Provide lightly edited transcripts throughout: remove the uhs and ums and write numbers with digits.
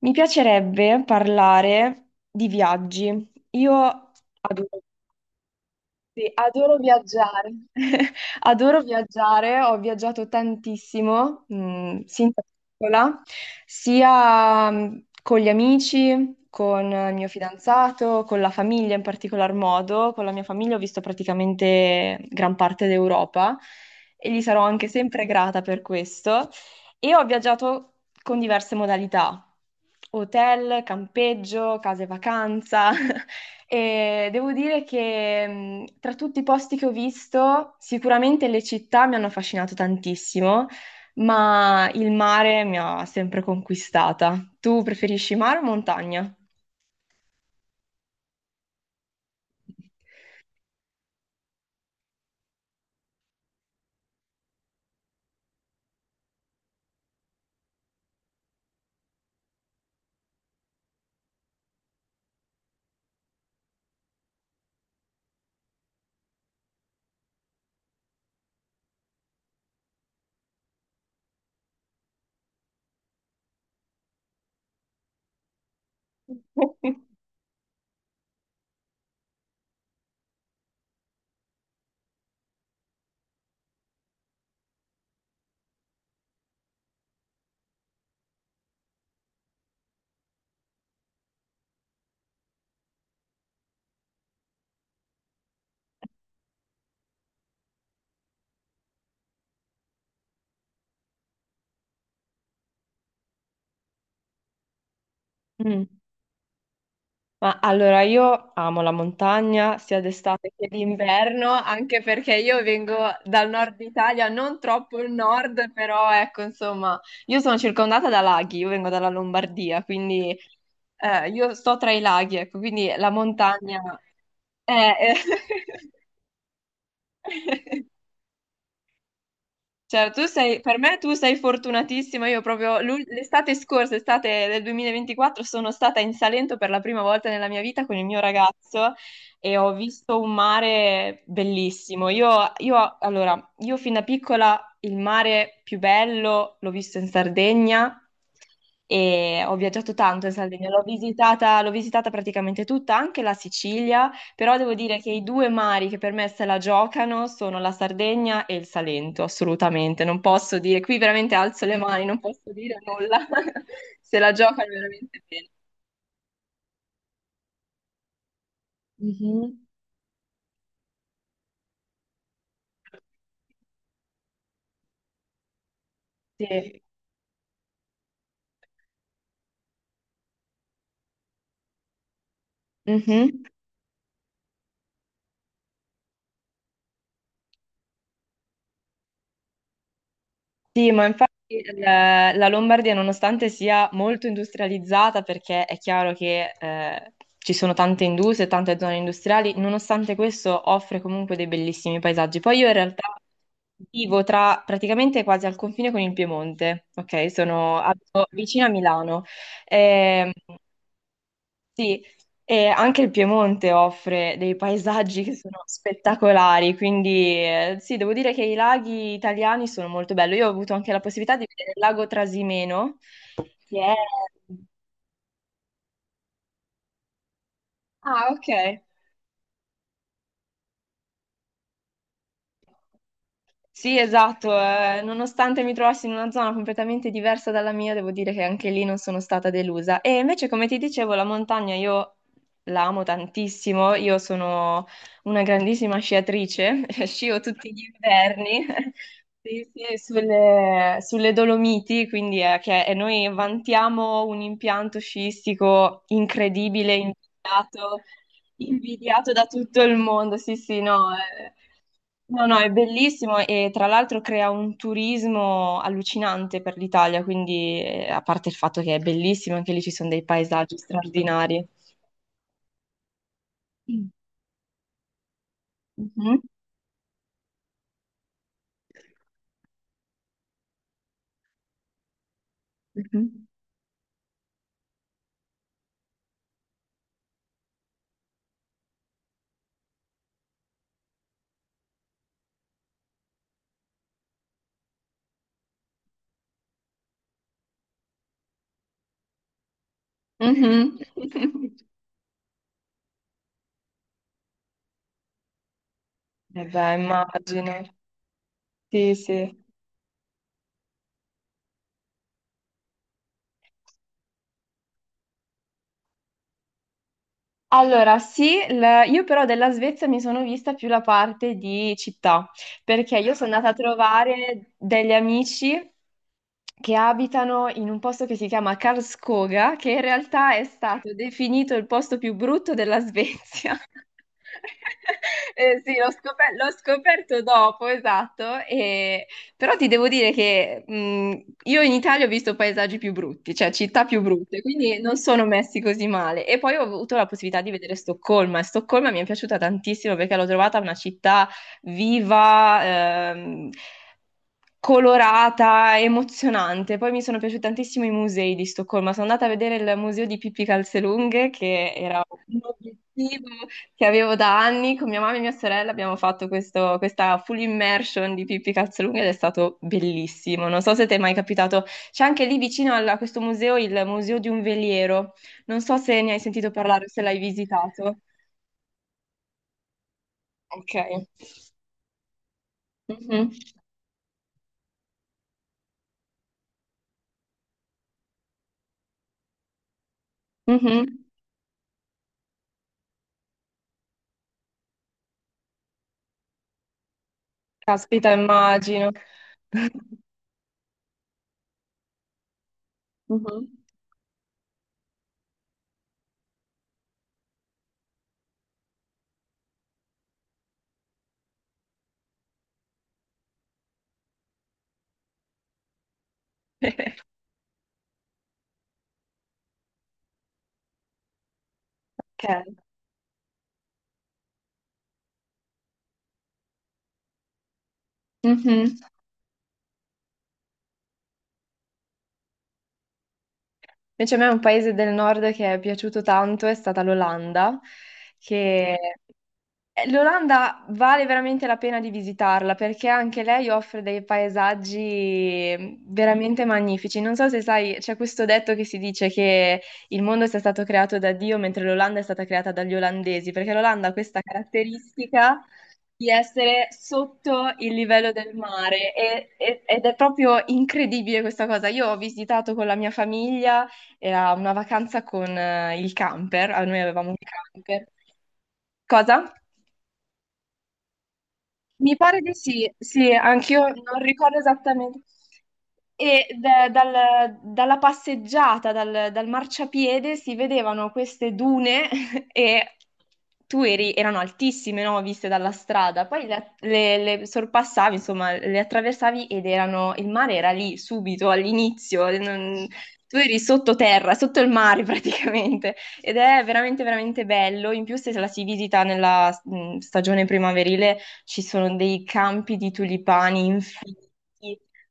Mi piacerebbe parlare di viaggi. Io adoro sì, adoro viaggiare, adoro viaggiare, ho viaggiato tantissimo, sin da piccola, sia con gli amici, con il mio fidanzato, con la famiglia, in particolar modo con la mia famiglia ho visto praticamente gran parte d'Europa e gli sarò anche sempre grata per questo, e ho viaggiato con diverse modalità: hotel, campeggio, case vacanza. E devo dire che tra tutti i posti che ho visto, sicuramente le città mi hanno affascinato tantissimo, ma il mare mi ha sempre conquistata. Tu preferisci mare o montagna? Mm. Ma allora io amo la montagna sia d'estate che d'inverno, anche perché io vengo dal nord Italia, non troppo il nord, però ecco, insomma, io sono circondata da laghi, io vengo dalla Lombardia, quindi io sto tra i laghi, ecco, quindi la montagna eh, eh, cioè, per me tu sei fortunatissima. Io proprio l'estate scorsa, estate del 2024, sono stata in Salento per la prima volta nella mia vita con il mio ragazzo e ho visto un mare bellissimo. Allora, io fin da piccola il mare più bello l'ho visto in Sardegna e ho viaggiato tanto in Sardegna, l'ho visitata praticamente tutta, anche la Sicilia. Però devo dire che i due mari che per me se la giocano sono la Sardegna e il Salento, assolutamente. Non posso dire, qui veramente alzo le mani, non posso dire nulla. Se la giocano veramente bene. Mhm. Sì. Mhm. Sì, ma infatti la Lombardia, nonostante sia molto industrializzata, perché è chiaro che ci sono tante industrie, tante zone industriali, nonostante questo offre comunque dei bellissimi paesaggi. Poi io in realtà vivo tra, praticamente quasi al confine con il Piemonte, ok? Sono abito vicino a Milano. Ehm, sì, e anche il Piemonte offre dei paesaggi che sono spettacolari, quindi sì, devo dire che i laghi italiani sono molto belli. Io ho avuto anche la possibilità di vedere il lago Trasimeno, che è... Ah, ok. Sì, esatto, nonostante mi trovassi in una zona completamente diversa dalla mia, devo dire che anche lì non sono stata delusa. E invece, come ti dicevo, la montagna io la amo tantissimo, io sono una grandissima sciatrice, scio tutti gli inverni. Sì, sì, sulle Dolomiti, quindi che e noi vantiamo un impianto sciistico incredibile, invidiato. Invidiato da tutto il mondo, sì, sì, no, è... no, no, è bellissimo e tra l'altro crea un turismo allucinante per l'Italia, quindi a parte il fatto che è bellissimo, anche lì ci sono dei paesaggi straordinari. Mm. Mhm. Mhm. Mhm. Eh beh, immagino. Sì, sì. Allora, sì, io però della Svezia mi sono vista più la parte di città, perché io sono andata a trovare degli amici che abitano in un posto che si chiama Karlskoga, che in realtà è stato definito il posto più brutto della Svezia. Sì, l'ho scoperto dopo, esatto, e- però ti devo dire che io in Italia ho visto paesaggi più brutti, cioè città più brutte, quindi non sono messi così male. E poi ho avuto la possibilità di vedere Stoccolma, e Stoccolma mi è piaciuta tantissimo perché l'ho trovata una città viva, ehm, colorata, emozionante. Poi mi sono piaciuti tantissimo i musei di Stoccolma. Sono andata a vedere il museo di Pippi Calzelunghe, che era un obiettivo che avevo da anni. Con mia mamma e mia sorella abbiamo fatto questa full immersion di Pippi Calzelunghe ed è stato bellissimo. Non so se ti è mai capitato. C'è anche lì vicino a questo museo il museo di un veliero. Non so se ne hai sentito parlare o se l'hai visitato. Ok. Mhm. Mhm. Caspita, immagino. Mhm. Ok. Mhm. Invece a me un paese del nord che è piaciuto tanto è stata l'Olanda, che Mm. l'Olanda vale veramente la pena di visitarla perché anche lei offre dei paesaggi veramente magnifici. Non so se sai, c'è questo detto che si dice che il mondo sia stato creato da Dio mentre l'Olanda è stata creata dagli olandesi, perché l'Olanda ha questa caratteristica di essere sotto il livello del mare ed è proprio incredibile questa cosa. Io ho visitato con la mia famiglia, era una vacanza con il camper, ah, noi avevamo un camper. Cosa? Mi pare di sì, sì, anch'io non ricordo esattamente. E dalla passeggiata, dal marciapiede, si vedevano queste dune e tu eri, erano altissime, no? Viste dalla strada. Poi le, le sorpassavi, insomma, le attraversavi ed erano, il mare era lì subito all'inizio. Non- tu eri sottoterra, sotto il mare praticamente. Ed è veramente bello. In più, se la si visita nella stagione primaverile, ci sono dei campi di tulipani infiniti,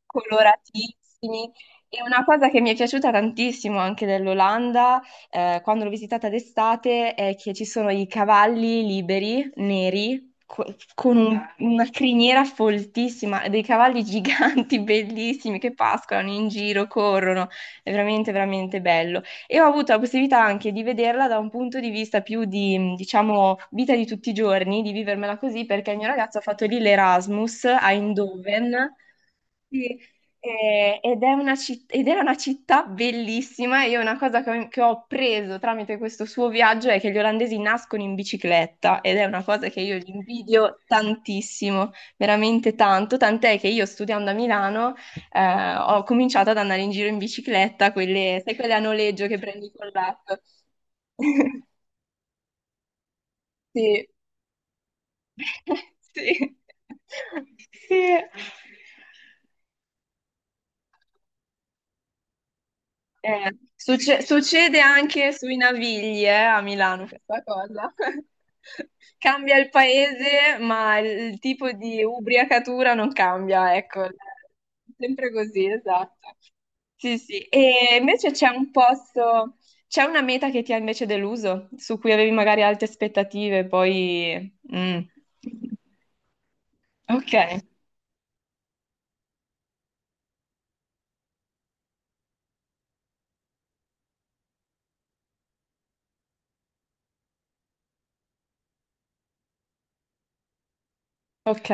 coloratissimi. E una cosa che mi è piaciuta tantissimo anche dell'Olanda, quando l'ho visitata d'estate, è che ci sono i cavalli liberi, neri, co- con una criniera foltissima, dei cavalli giganti, bellissimi, che pascolano in giro, corrono. È veramente bello e ho avuto la possibilità anche di vederla da un punto di vista più di, diciamo, vita di tutti i giorni, di vivermela così, perché il mio ragazzo ha fatto lì l'Erasmus a Eindhoven sì, ed, è una citt- ed era una città bellissima. E Io una cosa che ho preso tramite questo suo viaggio è che gli olandesi nascono in bicicletta ed è una cosa che io gli invidio tantissimo, veramente tanto, tant'è che io studiando a Milano ho cominciato ad andare in giro in bicicletta, quelle, sai, quelle a noleggio che prendi con l'app. Sì. Sì. Sì. Succede anche sui Navigli, a Milano questa cosa. Cambia il paese, ma il tipo di ubriacatura non cambia, ecco. Sempre così, esatto. Sì, sì. E invece c'è un posto, c'è una meta che ti ha invece deluso, su cui avevi magari alte aspettative, poi... mm. Ok, ok,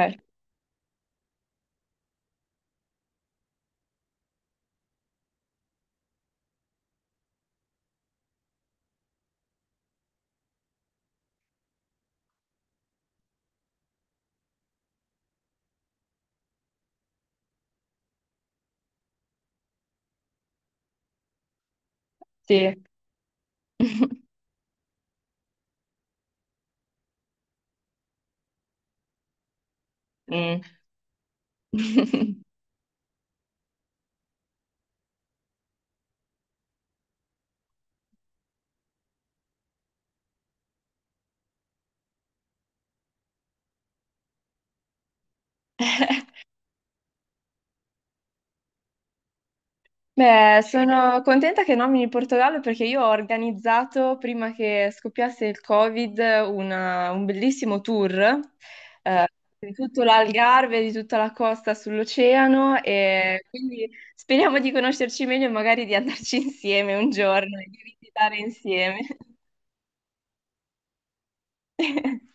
sì. Mm. Beh, sono contenta che nomini il Portogallo perché io ho organizzato, prima che scoppiasse il Covid, un bellissimo tour eh, di tutto l'Algarve, di tutta la costa sull'oceano, e quindi speriamo di conoscerci meglio e magari di andarci insieme un giorno e di visitare insieme.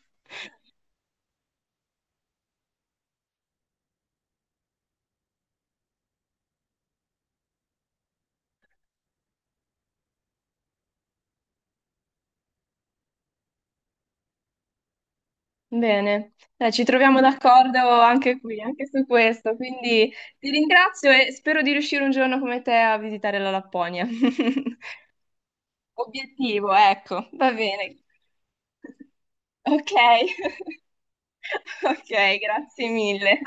Bene, dai, ci troviamo d'accordo anche qui, anche su questo, quindi ti ringrazio e spero di riuscire un giorno come te a visitare la Lapponia. Obiettivo, ecco, va bene. Ok, ok, grazie mille.